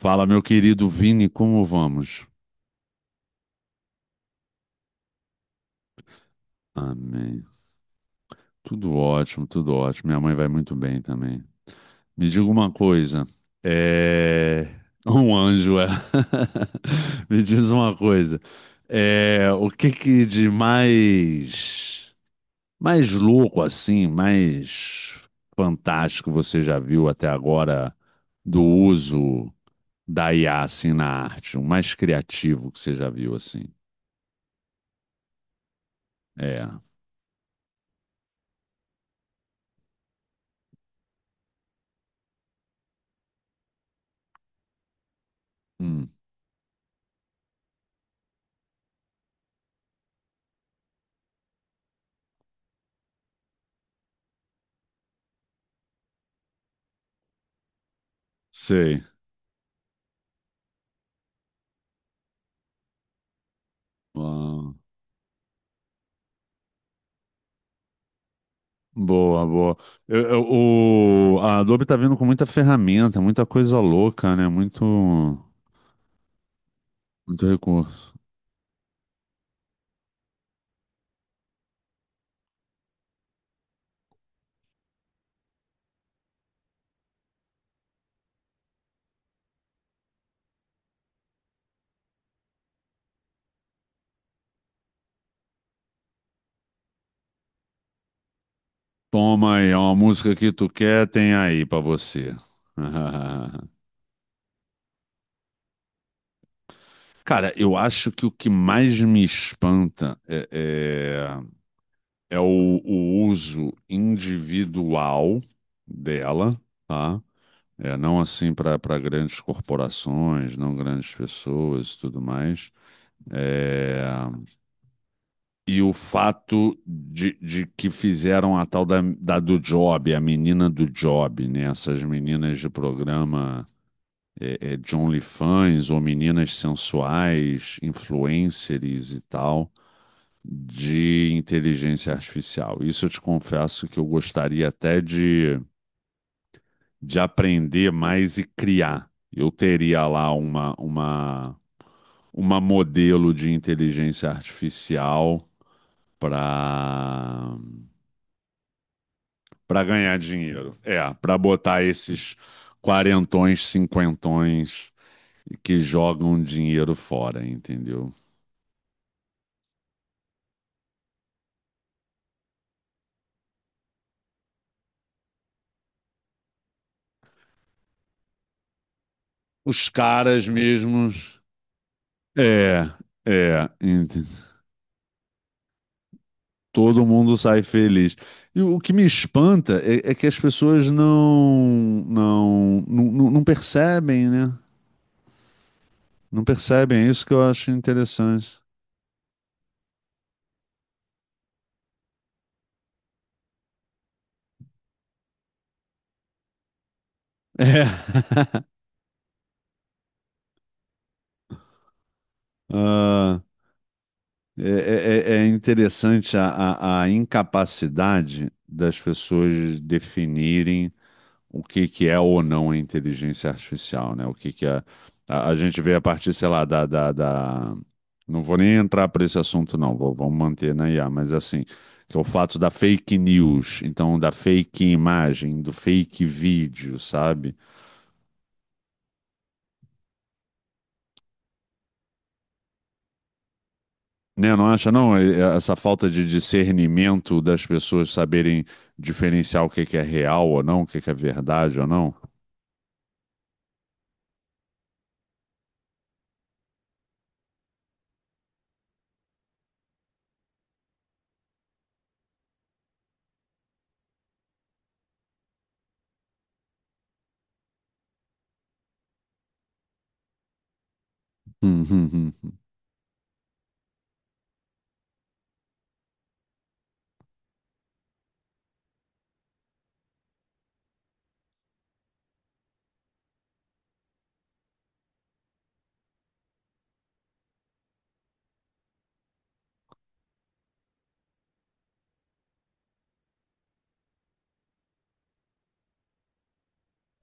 Fala, meu querido Vini, como vamos? Amém. Tudo ótimo, tudo ótimo. Minha mãe vai muito bem também. Me diga uma coisa. É... Um anjo, é. Me diz uma coisa. O que que de mais... Mais louco, assim, mais fantástico você já viu até agora do uso da IA, assim, na arte? O mais criativo que você já viu, assim? É. Hum. Sei. Ah, boa, boa. A Adobe tá vindo com muita ferramenta, muita coisa louca, né? Muito recurso. Toma aí, é uma música que tu quer, tem aí pra você. Cara, eu acho que o que mais me espanta é o uso individual dela, tá? É, não assim para grandes corporações, não grandes pessoas e tudo mais. É, e o fato de que fizeram a tal da, da do Job, a menina do Job, né? Essas meninas de programa de OnlyFans ou meninas sensuais, influencers e tal, de inteligência artificial. Isso eu te confesso que eu gostaria até de aprender mais e criar. Eu teria lá uma modelo de inteligência artificial para para ganhar dinheiro. É, para botar esses quarentões, cinquentões que jogam dinheiro fora, entendeu? Os caras mesmos. É, é, ent- Todo mundo sai feliz. E o que me espanta é, é que as pessoas não percebem, né? Não percebem, é isso que eu acho interessante. É. Ah, É, é interessante a incapacidade das pessoas definirem que é ou não a inteligência artificial, né? O que, que é, a gente vê a partir, sei lá, não vou nem entrar para esse assunto, não, vamos manter na IA, mas assim, que é o fato da fake news, então da fake imagem, do fake vídeo, sabe? Né, não acha, não? É, essa falta de discernimento das pessoas saberem diferenciar o que que é real ou não, o que que é verdade ou não. Hum, hum, hum, hum.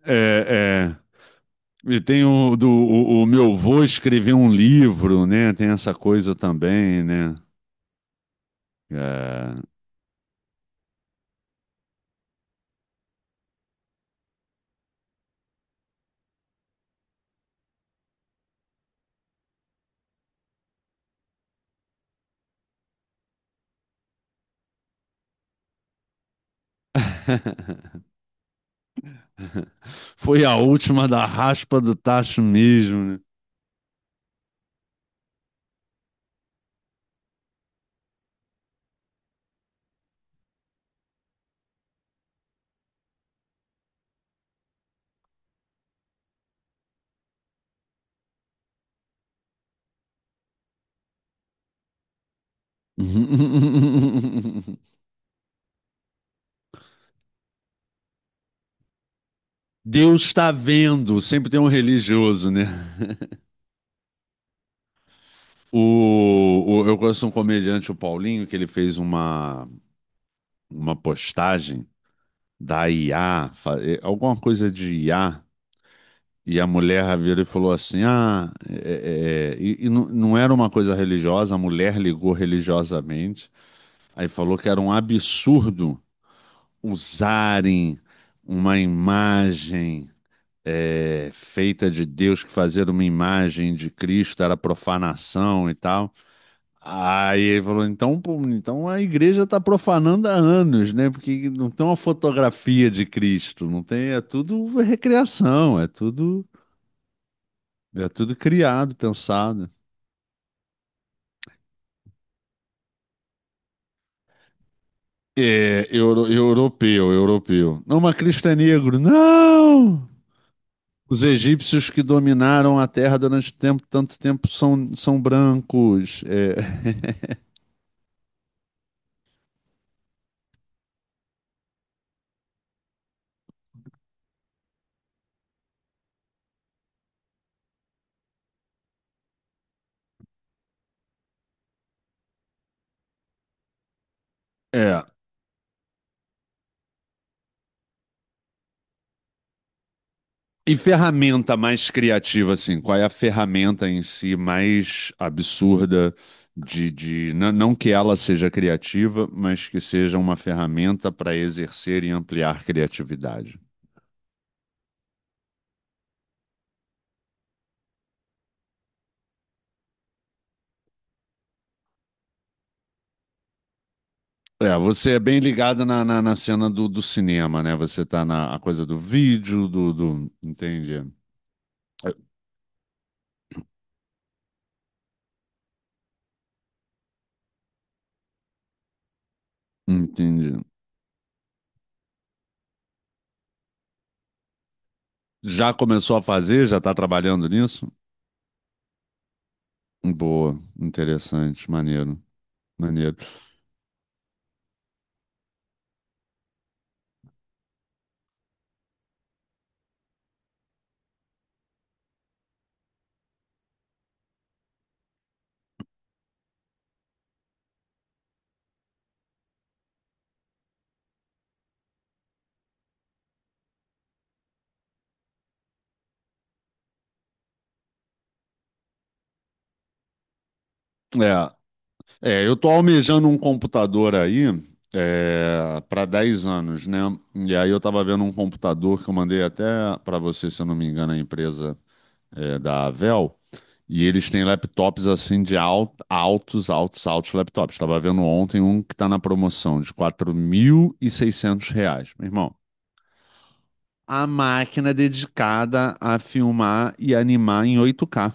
É, é. E tem o meu avô escrever um livro, né? Tem essa coisa também, né? É. Foi a última da raspa do tacho mesmo, né? Deus está vendo, sempre tem um religioso, né? Eu conheço um comediante, o Paulinho, que ele fez uma postagem da IA, alguma coisa de IA, e a mulher virou e falou assim: "Ah, é", e não, não era uma coisa religiosa. A mulher ligou religiosamente, aí falou que era um absurdo usarem uma imagem, feita de Deus, que fazer uma imagem de Cristo era profanação e tal. Aí ele falou: "Então, pô, então a igreja está profanando há anos, né? Porque não tem uma fotografia de Cristo, não tem, é tudo recriação, é tudo criado, pensado. Europeu, europeu. Não, mas Cristo é negro. Não! Os egípcios que dominaram a terra durante tempo, tanto tempo são, são brancos. É, é. E ferramenta mais criativa, assim, qual é a ferramenta em si mais absurda de não, que ela seja criativa, mas que seja uma ferramenta para exercer e ampliar criatividade? É, você é bem ligado na cena do cinema, né? Você tá na a coisa do vídeo, Entendi. É, entendi. Já começou a fazer? Já tá trabalhando nisso? Boa, interessante, maneiro, maneiro. É, eu tô almejando um computador aí, é, para 10 anos, né? E aí eu tava vendo um computador que eu mandei até para você, se eu não me engano, a empresa é da Avel. E eles têm laptops assim de altos, altos, altos laptops. Tava vendo ontem um que tá na promoção de R$ 4.600, meu irmão. A máquina é dedicada a filmar e animar em 8K.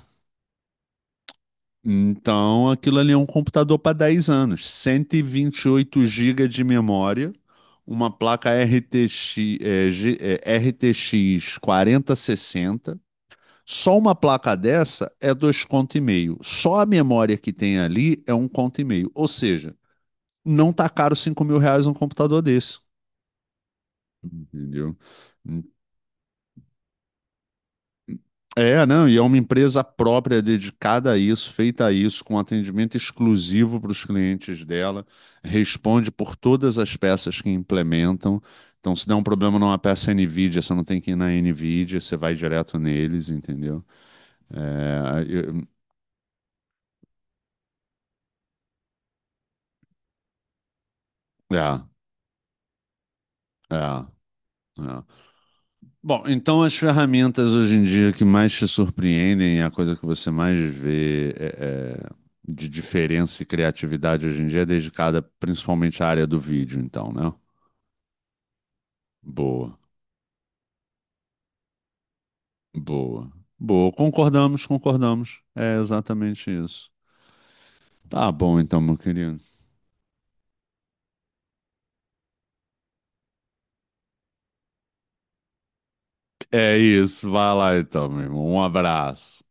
Então, aquilo ali é um computador para 10 anos. Cento e vinte e oito gigas de memória, uma placa RTX, RTX 4060. Só uma placa dessa é dois conto e meio. Só a memória que tem ali é um conto e meio. Ou seja, não tá caro R$ 5.000 um computador desse, entendeu? É, não, e é uma empresa própria dedicada a isso, feita a isso, com atendimento exclusivo para os clientes dela, responde por todas as peças que implementam. Então, se der um problema numa peça NVIDIA, você não tem que ir na NVIDIA, você vai direto neles, entendeu? É. É, é, é. Bom, então as ferramentas hoje em dia que mais te surpreendem, a coisa que você mais vê é de diferença e criatividade hoje em dia é dedicada principalmente à área do vídeo, então, né? Boa, boa, boa. Concordamos, concordamos. É exatamente isso. Tá bom, então, meu querido. É isso. Vai lá, então, meu irmão. Um abraço.